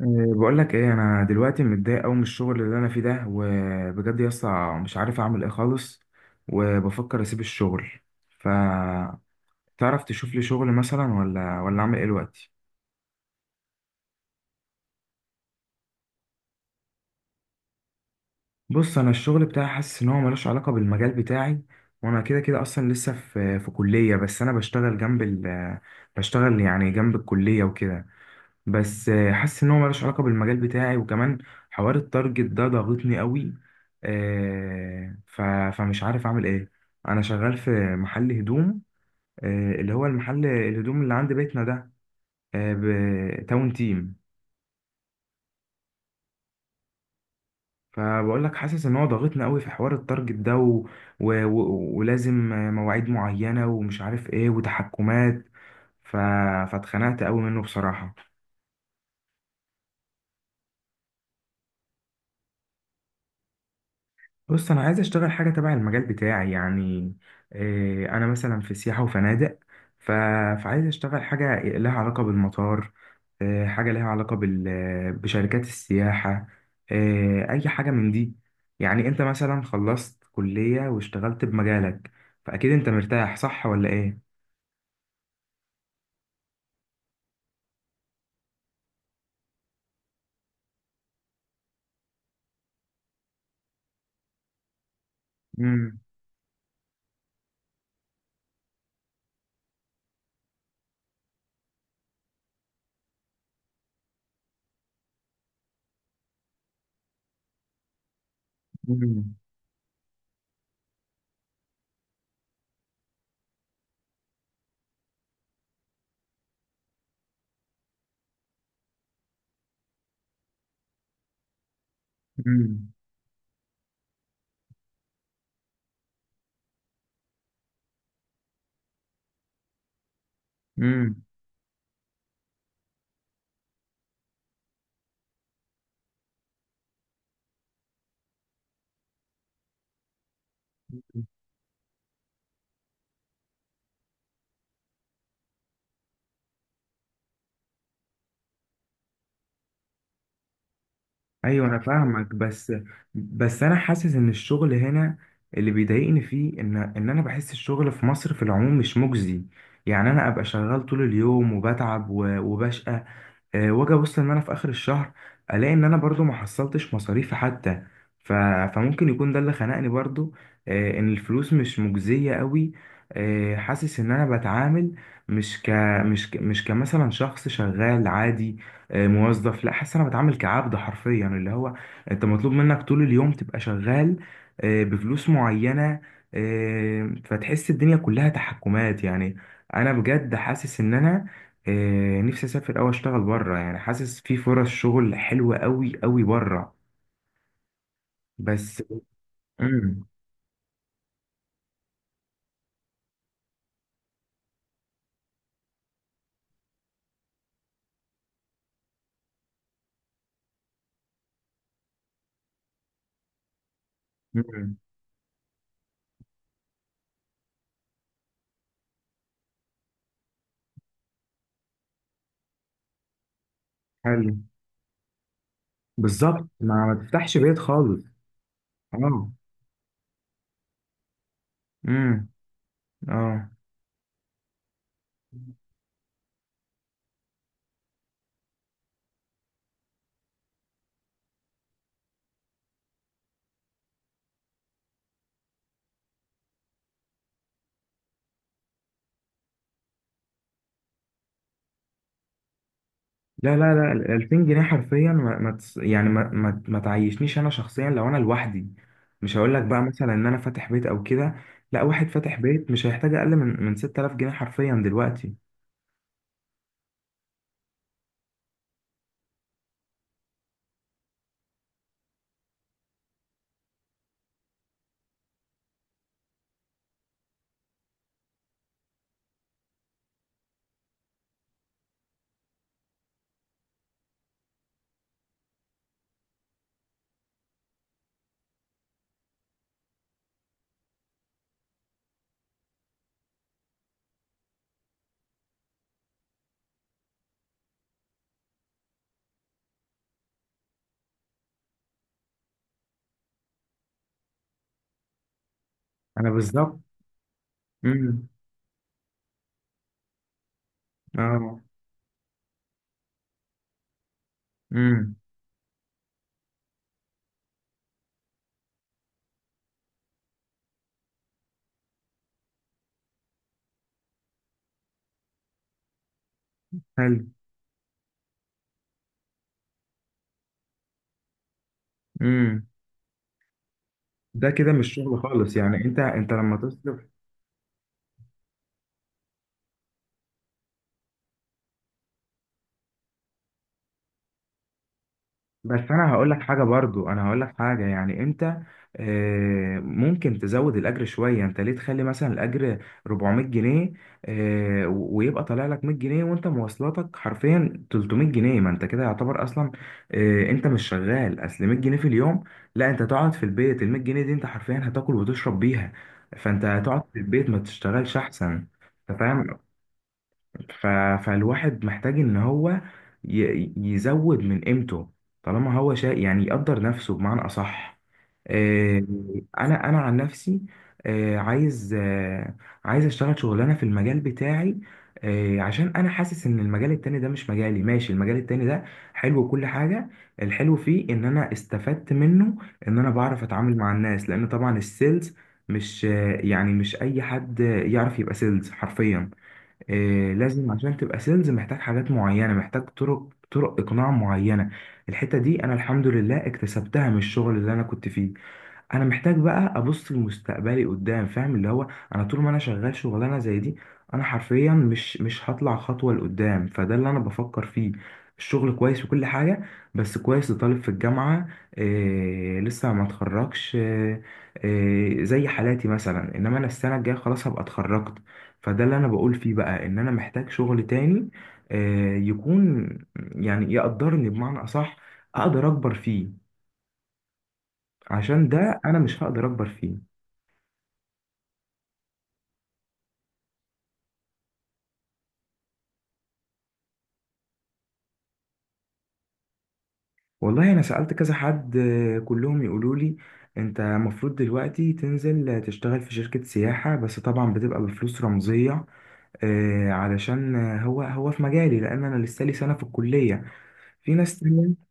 إيه، بقول لك ايه، انا دلوقتي متضايق قوي من الشغل اللي انا فيه ده، وبجد يا اسطى مش عارف اعمل ايه خالص. وبفكر اسيب الشغل. فتعرف تشوف لي شغل مثلا ولا اعمل ايه دلوقتي؟ بص، انا الشغل بتاعي حاسس ان هو ملوش علاقه بالمجال بتاعي. وانا كده كده اصلا لسه في كليه، بس انا بشتغل جنب ال بشتغل يعني جنب الكليه وكده. بس حاسس ان هو ملوش علاقه بالمجال بتاعي، وكمان حوار التارجت ده ضاغطني قوي. آه، ف- فمش عارف اعمل ايه. انا شغال في محل هدوم. اللي هو المحل الهدوم اللي عند بيتنا ده، تاون تيم. فبقول لك حاسس ان هو ضاغطني قوي في حوار التارجت ده، ولازم مواعيد معينه ومش عارف ايه وتحكمات. ف... فاتخنقت قوي منه بصراحه. بص، انا عايز اشتغل حاجه تبع المجال بتاعي يعني. انا مثلا في سياحه وفنادق. ف... فعايز اشتغل حاجه لها علاقه بالمطار. حاجه لها علاقه بشركات السياحه. اي حاجه من دي. يعني انت مثلا خلصت كليه واشتغلت بمجالك، فاكيد انت مرتاح، صح ولا ايه؟ امم. امم. امم. ايوه انا فاهمك، بس انا حاسس ان الشغل هنا اللي بيضايقني فيه، ان انا بحس الشغل في مصر في العموم مش مجزي. يعني انا ابقى شغال طول اليوم وبتعب وبشقى، واجي ابص ان انا في اخر الشهر الاقي ان انا برضو ما حصلتش مصاريفي حتى. ف... فممكن يكون ده اللي خنقني برضو. ان الفلوس مش مجزية قوي. حاسس ان انا بتعامل مش ك مش كمثلا شخص شغال عادي، موظف. لا، حاسس إن انا بتعامل كعبد حرفيا. اللي هو انت مطلوب منك طول اليوم تبقى شغال بفلوس معينة. فتحس الدنيا كلها تحكمات يعني. انا بجد حاسس ان انا نفسي اسافر او اشتغل بره. يعني حاسس في فرص شغل حلوه قوي قوي بره بس. امم. امم. حلو، بالظبط. ما تفتحش بيت خالص. اه. امم. اه. لا، لا، لا، ال 2000 جنيه حرفيا ما ما تس- يعني ما تعيشنيش انا شخصيا لو انا لوحدي. مش هقول لك بقى مثلا ان انا فاتح بيت او كده، لا واحد فاتح بيت مش هيحتاج اقل من 6000 جنيه حرفيا دلوقتي. انا بالظبط. امم. اه. امم. حلو. امم. ده كده مش شغل خالص، يعني انت انت لما تصرف. بس انا هقول لك حاجه برضو، انا هقول لك حاجه. يعني انت ممكن تزود الاجر شويه. انت ليه تخلي مثلا الاجر 400 جنيه ويبقى طالع لك 100 جنيه، وانت مواصلاتك حرفيا 300 جنيه؟ ما انت كده يعتبر اصلا انت مش شغال، اصل 100 جنيه في اليوم، لا، انت تقعد في البيت، ال 100 جنيه دي انت حرفيا هتاكل وتشرب بيها. فانت هتقعد في البيت ما تشتغلش احسن. انت فاهم؟ ف... فالواحد محتاج ان هو يزود من قيمته، طالما هو شيء. يعني يقدر نفسه بمعنى اصح. آه، انا عن نفسي عايز عايز اشتغل شغلانه في المجال بتاعي. عشان انا حاسس ان المجال التاني ده مش مجالي. ماشي، المجال التاني ده حلو وكل حاجه، الحلو فيه ان انا استفدت منه، ان انا بعرف اتعامل مع الناس، لان طبعا السيلز مش يعني مش اي حد يعرف يبقى سيلز حرفيا. لازم عشان تبقى سيلز محتاج حاجات معينة، محتاج طرق إقناع معينة. الحتة دي أنا الحمد لله اكتسبتها من الشغل اللي أنا كنت فيه. انا محتاج بقى ابص لمستقبلي قدام. فاهم؟ اللي هو انا طول ما انا شغال شغلانه زي دي، انا حرفيا مش هطلع خطوه لقدام. فده اللي انا بفكر فيه. الشغل كويس وكل حاجه، بس كويس لطالب في الجامعه، إيه لسه ما اتخرجش، إيه إيه زي حالاتي مثلا، انما انا السنه الجايه خلاص هبقى اتخرجت. فده اللي انا بقول فيه بقى، ان انا محتاج شغل تاني، إيه يكون يعني يقدرني بمعنى اصح، اقدر اكبر فيه. عشان ده انا مش هقدر اكبر فيه. والله انا سألت كذا حد، كلهم يقولوا لي انت المفروض دلوقتي تنزل تشتغل في شركة سياحة، بس طبعا بتبقى بفلوس رمزية، علشان هو هو في مجالي، لان انا لسه لي سنة في الكلية، في ناس تانية.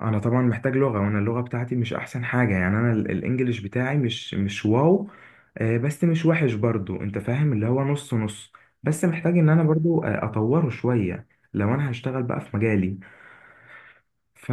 انا طبعا محتاج لغة، وانا اللغة بتاعتي مش احسن حاجة. يعني انا الانجليش بتاعي مش واو، بس مش وحش برضو. انت فاهم؟ اللي هو نص نص، بس محتاج ان انا برضو اطوره شوية. لو انا هشتغل بقى في مجالي، ف...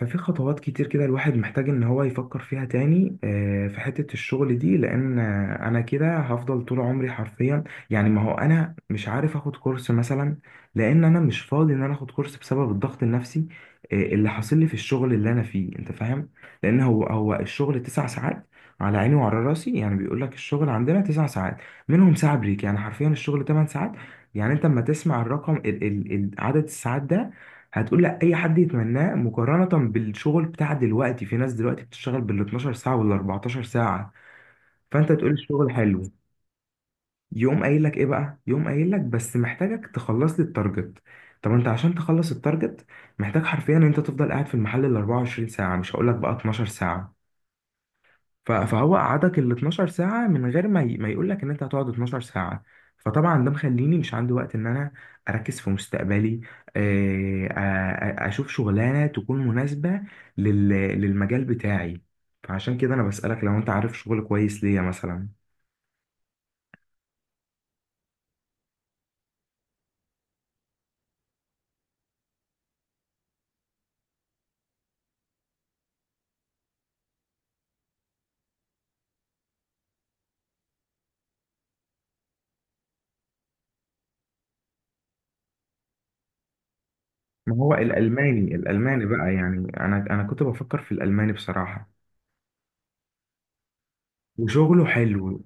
ففي خطوات كتير كده الواحد محتاج ان هو يفكر فيها تاني في حتة الشغل دي. لان انا كده هفضل طول عمري حرفيا. يعني ما هو انا مش عارف اخد كورس مثلا، لان انا مش فاضي ان انا اخد كورس، بسبب الضغط النفسي اللي حاصل لي في الشغل اللي انا فيه. انت فاهم؟ لان هو هو الشغل تسع ساعات، على عيني وعلى راسي. يعني بيقول لك الشغل عندنا تسع ساعات، منهم ساعة بريك، يعني حرفيا الشغل 8 ساعات. يعني انت لما تسمع الرقم، عدد الساعات ده، هتقول لا اي حد يتمناه مقارنة بالشغل بتاع دلوقتي. في ناس دلوقتي بتشتغل بال 12 ساعة وال 14 ساعة، فانت تقول الشغل حلو. يقوم قايل لك ايه بقى، يقوم قايل لك بس محتاجك تخلص لي التارجت. طب انت عشان تخلص التارجت محتاج حرفيا ان انت تفضل قاعد في المحل ال 24 ساعة، مش هقول لك بقى 12 ساعة. فهو قعدك ال 12 ساعة من غير ما ما يقول لك ان انت هتقعد 12 ساعة. فطبعا ده مخليني مش عندي وقت ان انا اركز في مستقبلي، اشوف شغلانة تكون مناسبة لل... للمجال بتاعي. فعشان كده انا بسألك لو انت عارف شغل كويس ليا مثلا. ما هو الالماني، الالماني بقى، يعني انا كنت بفكر في الالماني بصراحة، وشغله حلو.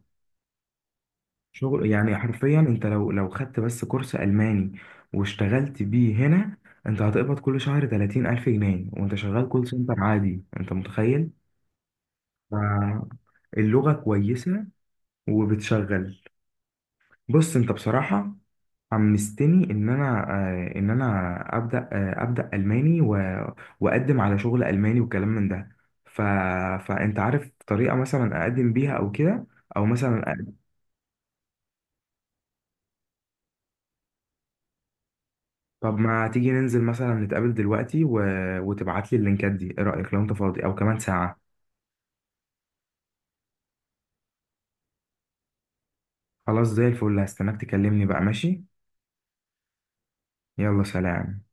شغل يعني حرفيا، انت لو خدت بس كورس ألماني واشتغلت بيه هنا، انت هتقبض كل شهر 30000 جنيه وانت شغال كول سنتر عادي. انت متخيل؟ ف- اللغة كويسة وبتشغل. بص، انت بصراحة حمستني ان انا ان انا ابدا ابدا الماني واقدم على شغل الماني وكلام من ده. ف... فانت عارف طريقه مثلا اقدم بيها او كده، او مثلا. طب ما تيجي ننزل مثلا نتقابل دلوقتي وتبعت لي اللينكات دي، ايه رأيك لو انت فاضي او كمان ساعة؟ خلاص، زي الفل، هستناك تكلمني بقى. ماشي، يلا سلام.